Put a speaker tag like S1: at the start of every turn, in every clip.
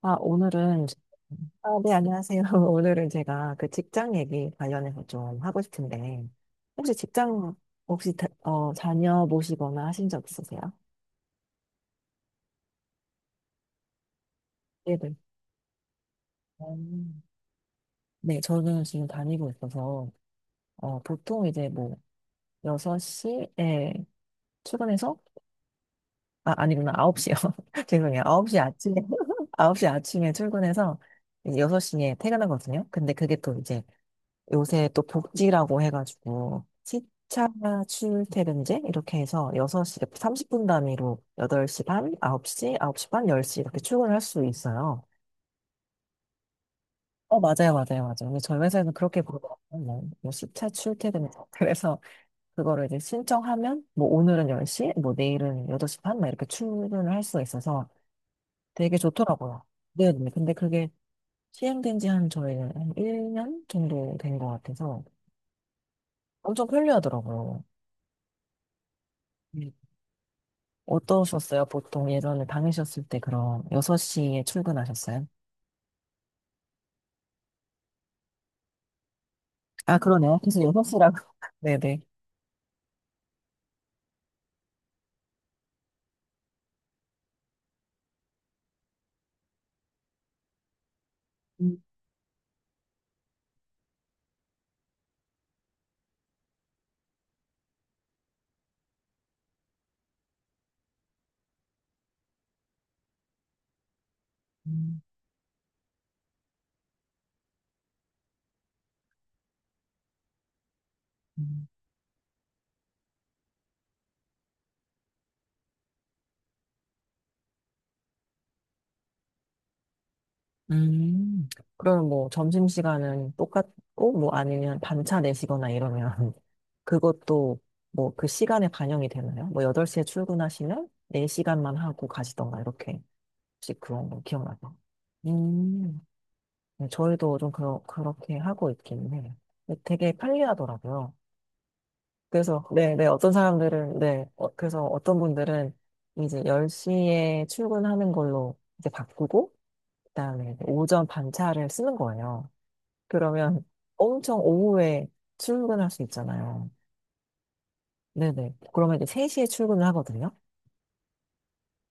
S1: 오늘은, 네, 안녕하세요. 오늘은 제가 직장 얘기 관련해서 좀 하고 싶은데, 혹시 직장, 다녀 보시거나 하신 적 있으세요? 네네. 음. 네, 저는 지금 다니고 있어서, 보통 이제 뭐, 6시에 출근해서, 아, 아니구나, 9시요. 죄송해요. 9시 아침에, 홉시 아침에 출근해서, 6시에 퇴근하거든요. 근데 그게 또 이제 요새 또 복지라고 해가지고 시차 출퇴근제 이렇게 해서 여섯 시 30분 단위로 8시 반, 9시, 9시 반, 10시 이렇게 출근할 수 있어요. 맞아요, 맞아요, 맞아요. 근데 저희 회사에는 그렇게 보더라고요. 뭐 시차 출퇴근. 그래서 그거를 이제 신청하면 뭐 오늘은 10시, 뭐 내일은 8시 반, 막 이렇게 출근을 할 수가 있어서 되게 좋더라고요. 네, 네. 근데 그게 시행된 지 한 저희는 한 1년 정도 된 것 같아서 엄청 편리하더라고요. 어떠셨어요? 보통 예전에 다니셨을 때 그럼 6시에 출근하셨어요? 아, 그러네요. 그래서 6시라고. 네네. 음, 음, 음. 음. 그러면 뭐 점심시간은 똑같고, 뭐 아니면 반차 내시거나 이러면 그것도 뭐 그 시간에 반영이 되나요? 뭐 8시에 출근하시면 4시간만 하고 가시던가 이렇게. 혹시 그런 거 기억나죠요. 음. 네, 저희도 좀 그렇게 하고 있긴 해요. 근데 되게 편리하더라고요. 그래서, 네, 네, 어떤 사람들은, 네, 그래서 어떤 분들은 이제 10시에 출근하는 걸로 이제 바꾸고, 그다음에 오전 반차를 쓰는 거예요. 그러면 엄청 오후에 출근할 수 있잖아요. 네네. 그러면 이제 3시에 출근을 하거든요.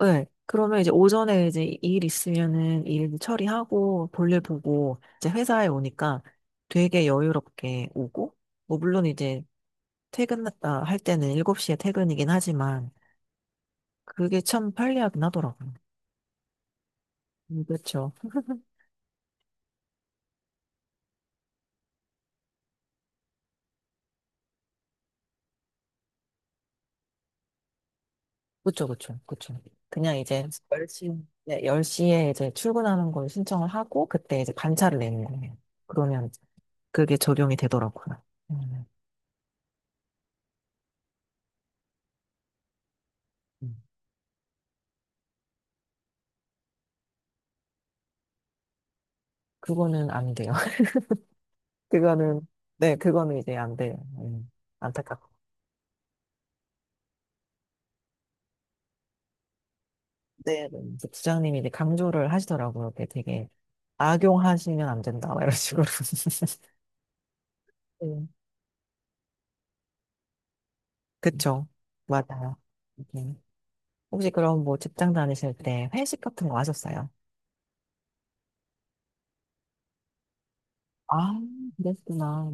S1: 네. 그러면 이제 오전에 이제 일 있으면은 일 처리하고 볼일 보고 이제 회사에 오니까 되게 여유롭게 오고, 뭐 물론 이제 할 때는 7시에 퇴근이긴 하지만 그게 참 편리하긴 하더라고요. 그쵸. 그쵸, 그쵸, 그쵸. 그냥 이제 10시, 네, 시에 이제 출근하는 걸 신청을 하고, 그때 이제 반차를 내는 거예요. 그러면 그게 적용이 되더라고요. 음, 음. 그거는 안 돼요. 그거는, 네, 그거는 이제 안 돼요. 안타깝고. 네, 네. 그래서 부장님이 이제 강조를 하시더라고요. 그게 되게 악용하시면 안 된다, 막 이런 식으로. 네. 그쵸. 맞아요. 네. 혹시 그럼 뭐 직장 다니실 때 회식 같은 거 하셨어요? 아, 그랬구나.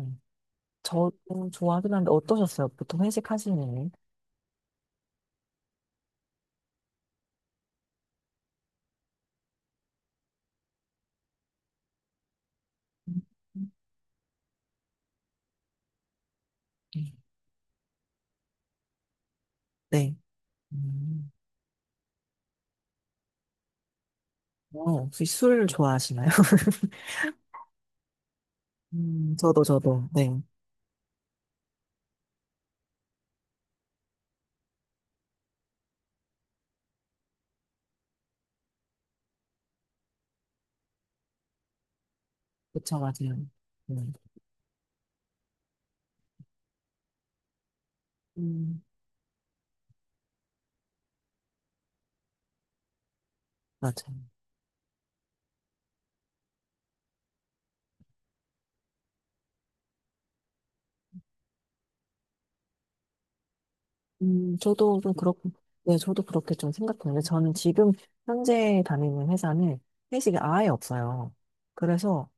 S1: 저도 좋아하긴 한데 어떠셨어요? 보통 회식 하시는? 음, 네. 음. 혹시 술 좋아하시나요? 저도, 저도. 네. 그쵸, 맞아요. 네. 음, 맞아요. 저도 좀 그렇고, 네, 저도 그렇게 좀 생각하는데, 저는 지금 현재 다니는 회사는 회식이 아예 없어요. 그래서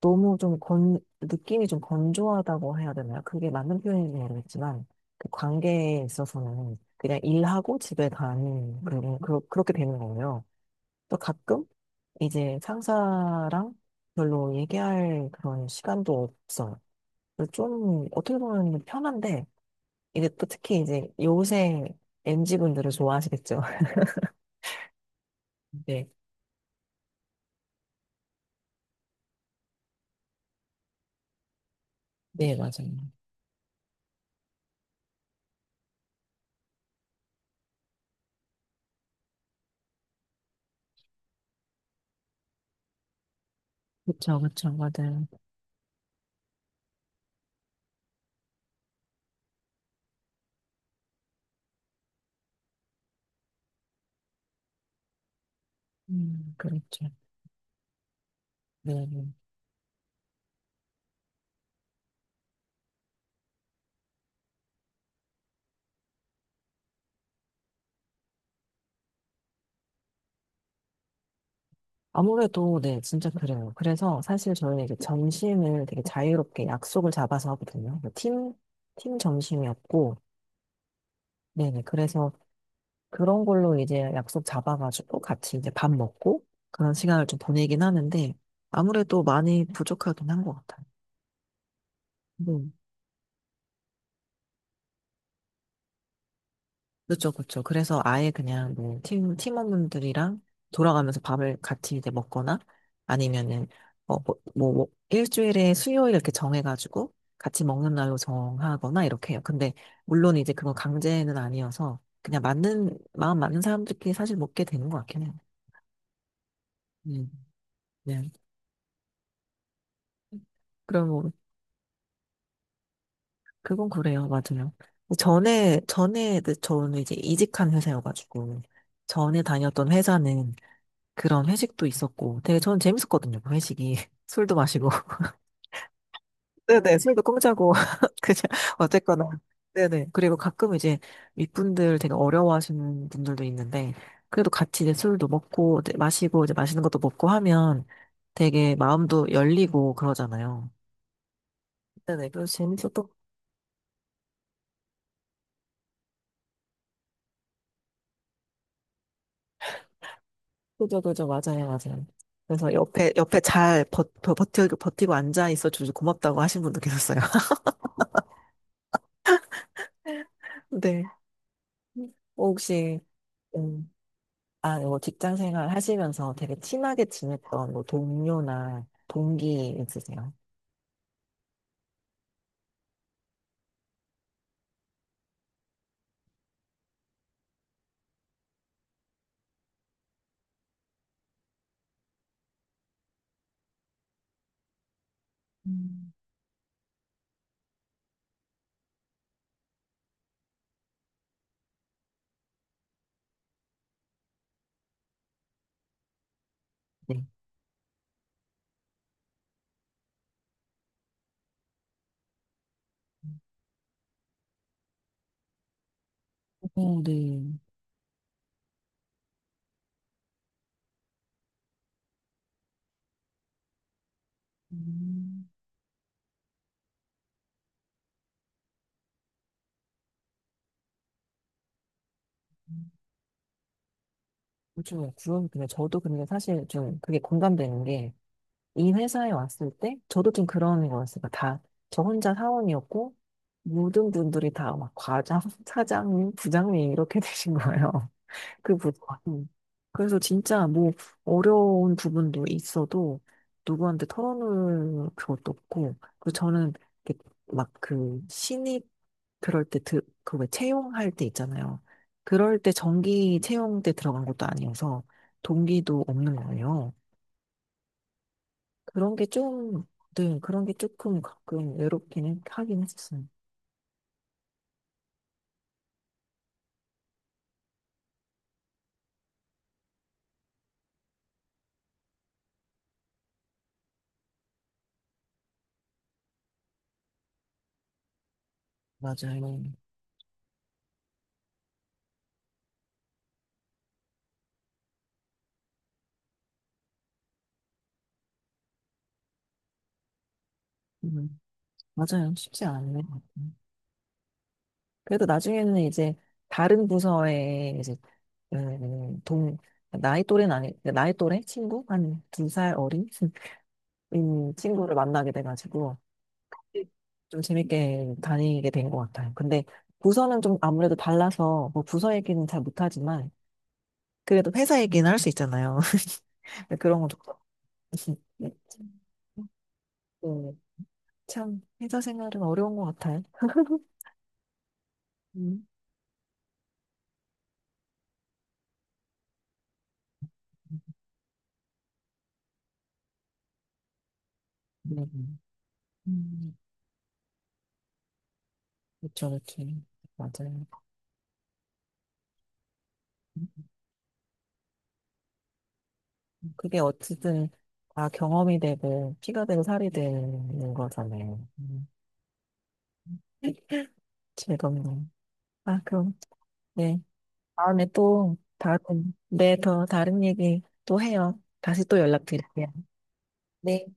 S1: 너무 좀 건, 느낌이 좀 건조하다고 해야 되나요? 그게 맞는 표현인지 모르겠지만, 그 관계에 있어서는 그냥 일하고 집에 가는, 그렇게 되는 거예요. 또 가끔 이제 상사랑 별로 얘기할 그런 시간도 없어요. 그래서 좀 어떻게 보면 편한데, 이제 또 특히 이제 요새 MZ분들을 좋아하시겠죠? 네, 네, 맞아요. 그쵸, 그쵸, 맞아요. 그렇죠. 네, 네. 아무래도 네, 진짜 그래요. 그래서 사실 저는 희 이제 점심을 되게 자유롭게 약속을 잡아서 하거든요. 팀 점심이었고, 네네. 그래서 그런 걸로 이제 약속 잡아가지고 같이 이제 밥 먹고 그런 시간을 좀 보내긴 하는데 아무래도 많이 부족하긴 한 것 같아요. 네. 그렇죠, 그렇죠. 그래서 아예 그냥 팀원분들이랑 돌아가면서 밥을 같이 이제 먹거나 아니면은, 뭐 일주일에 수요일 이렇게 정해가지고 같이 먹는 날로 정하거나 이렇게 해요. 근데 물론 이제 그건 강제는 아니어서 그냥 마음 맞는 사람들끼리 사실 먹게 되는 것 같긴 해요. 음, 네. 그럼 뭐, 그건 그래요. 맞아요. 전에, 그 저는 이제 이직한 회사여가지고 전에 다녔던 회사는 그런 회식도 있었고 되게 저는 재밌었거든요. 그 회식이 술도 마시고 네네 술도 공짜고 그냥 어쨌거나 네네 그리고 가끔 이제 윗분들 되게 어려워하시는 분들도 있는데 그래도 같이 이제 술도 먹고 이제 마시고 이제 맛있는 것도 먹고 하면 되게 마음도 열리고 그러잖아요. 네네 그래서 재밌었던, 그죠, 그죠, 맞아요, 맞아요. 그래서 옆에 잘 버티고 앉아 있어 주셔서 고맙다고 하신 분도 계셨어요. 네. 어, 혹시 뭐 직장 생활 하시면서 되게 친하게 지냈던 뭐 동료나 동기 있으세요? 음. 네. 어, 네. 음. 요즘에 그런, 근데 저도 근데 사실 좀 그게 공감되는 게, 이 회사에 왔을 때, 저도 좀 그런 거였어요. 다, 저 혼자 사원이었고, 모든 분들이 다 막 과장, 사장님, 부장님 이렇게 되신 거예요. 그 부분. 그래서 진짜 뭐 어려운 부분도 있어도 누구한테 털어놓을 것도 없고, 그 저는 막 그 신입 그럴 때 그 왜 채용할 때 있잖아요. 그럴 때 정기 채용 때 들어간 것도 아니어서 동기도 없는 거예요. 그런 게 좀, 네, 그런 게 조금 가끔 외롭기는 하긴 했었어요. 맞아요. 음, 맞아요. 쉽지 않네요. 그래도 나중에는 이제 다른 부서에 이제 음, 음, 동, 나이 또래는 아니, 그러니까 나이 또래? 친구? 한 두 살 어린? 친구를 만나게 돼가지고 좀 재밌게 다니게 된 것 같아요. 근데 부서는 좀 아무래도 달라서 뭐 부서 얘기는 잘 못하지만 그래도 회사 얘기는 할 수 있잖아요. 그런 거좋 네. 참, 회사 생활은 어려운 것 같아요. 음. 네. 음, 그렇죠, 그렇죠. 맞아요. 그게 어쨌든 다 경험이 되고 피가 되고 살이 되는 거잖아요. 즐겁네요. 아, 그럼 네. 다음에 또 다른 네, 더 다른 얘기 또 해요. 다시 또 연락드릴게요. 네.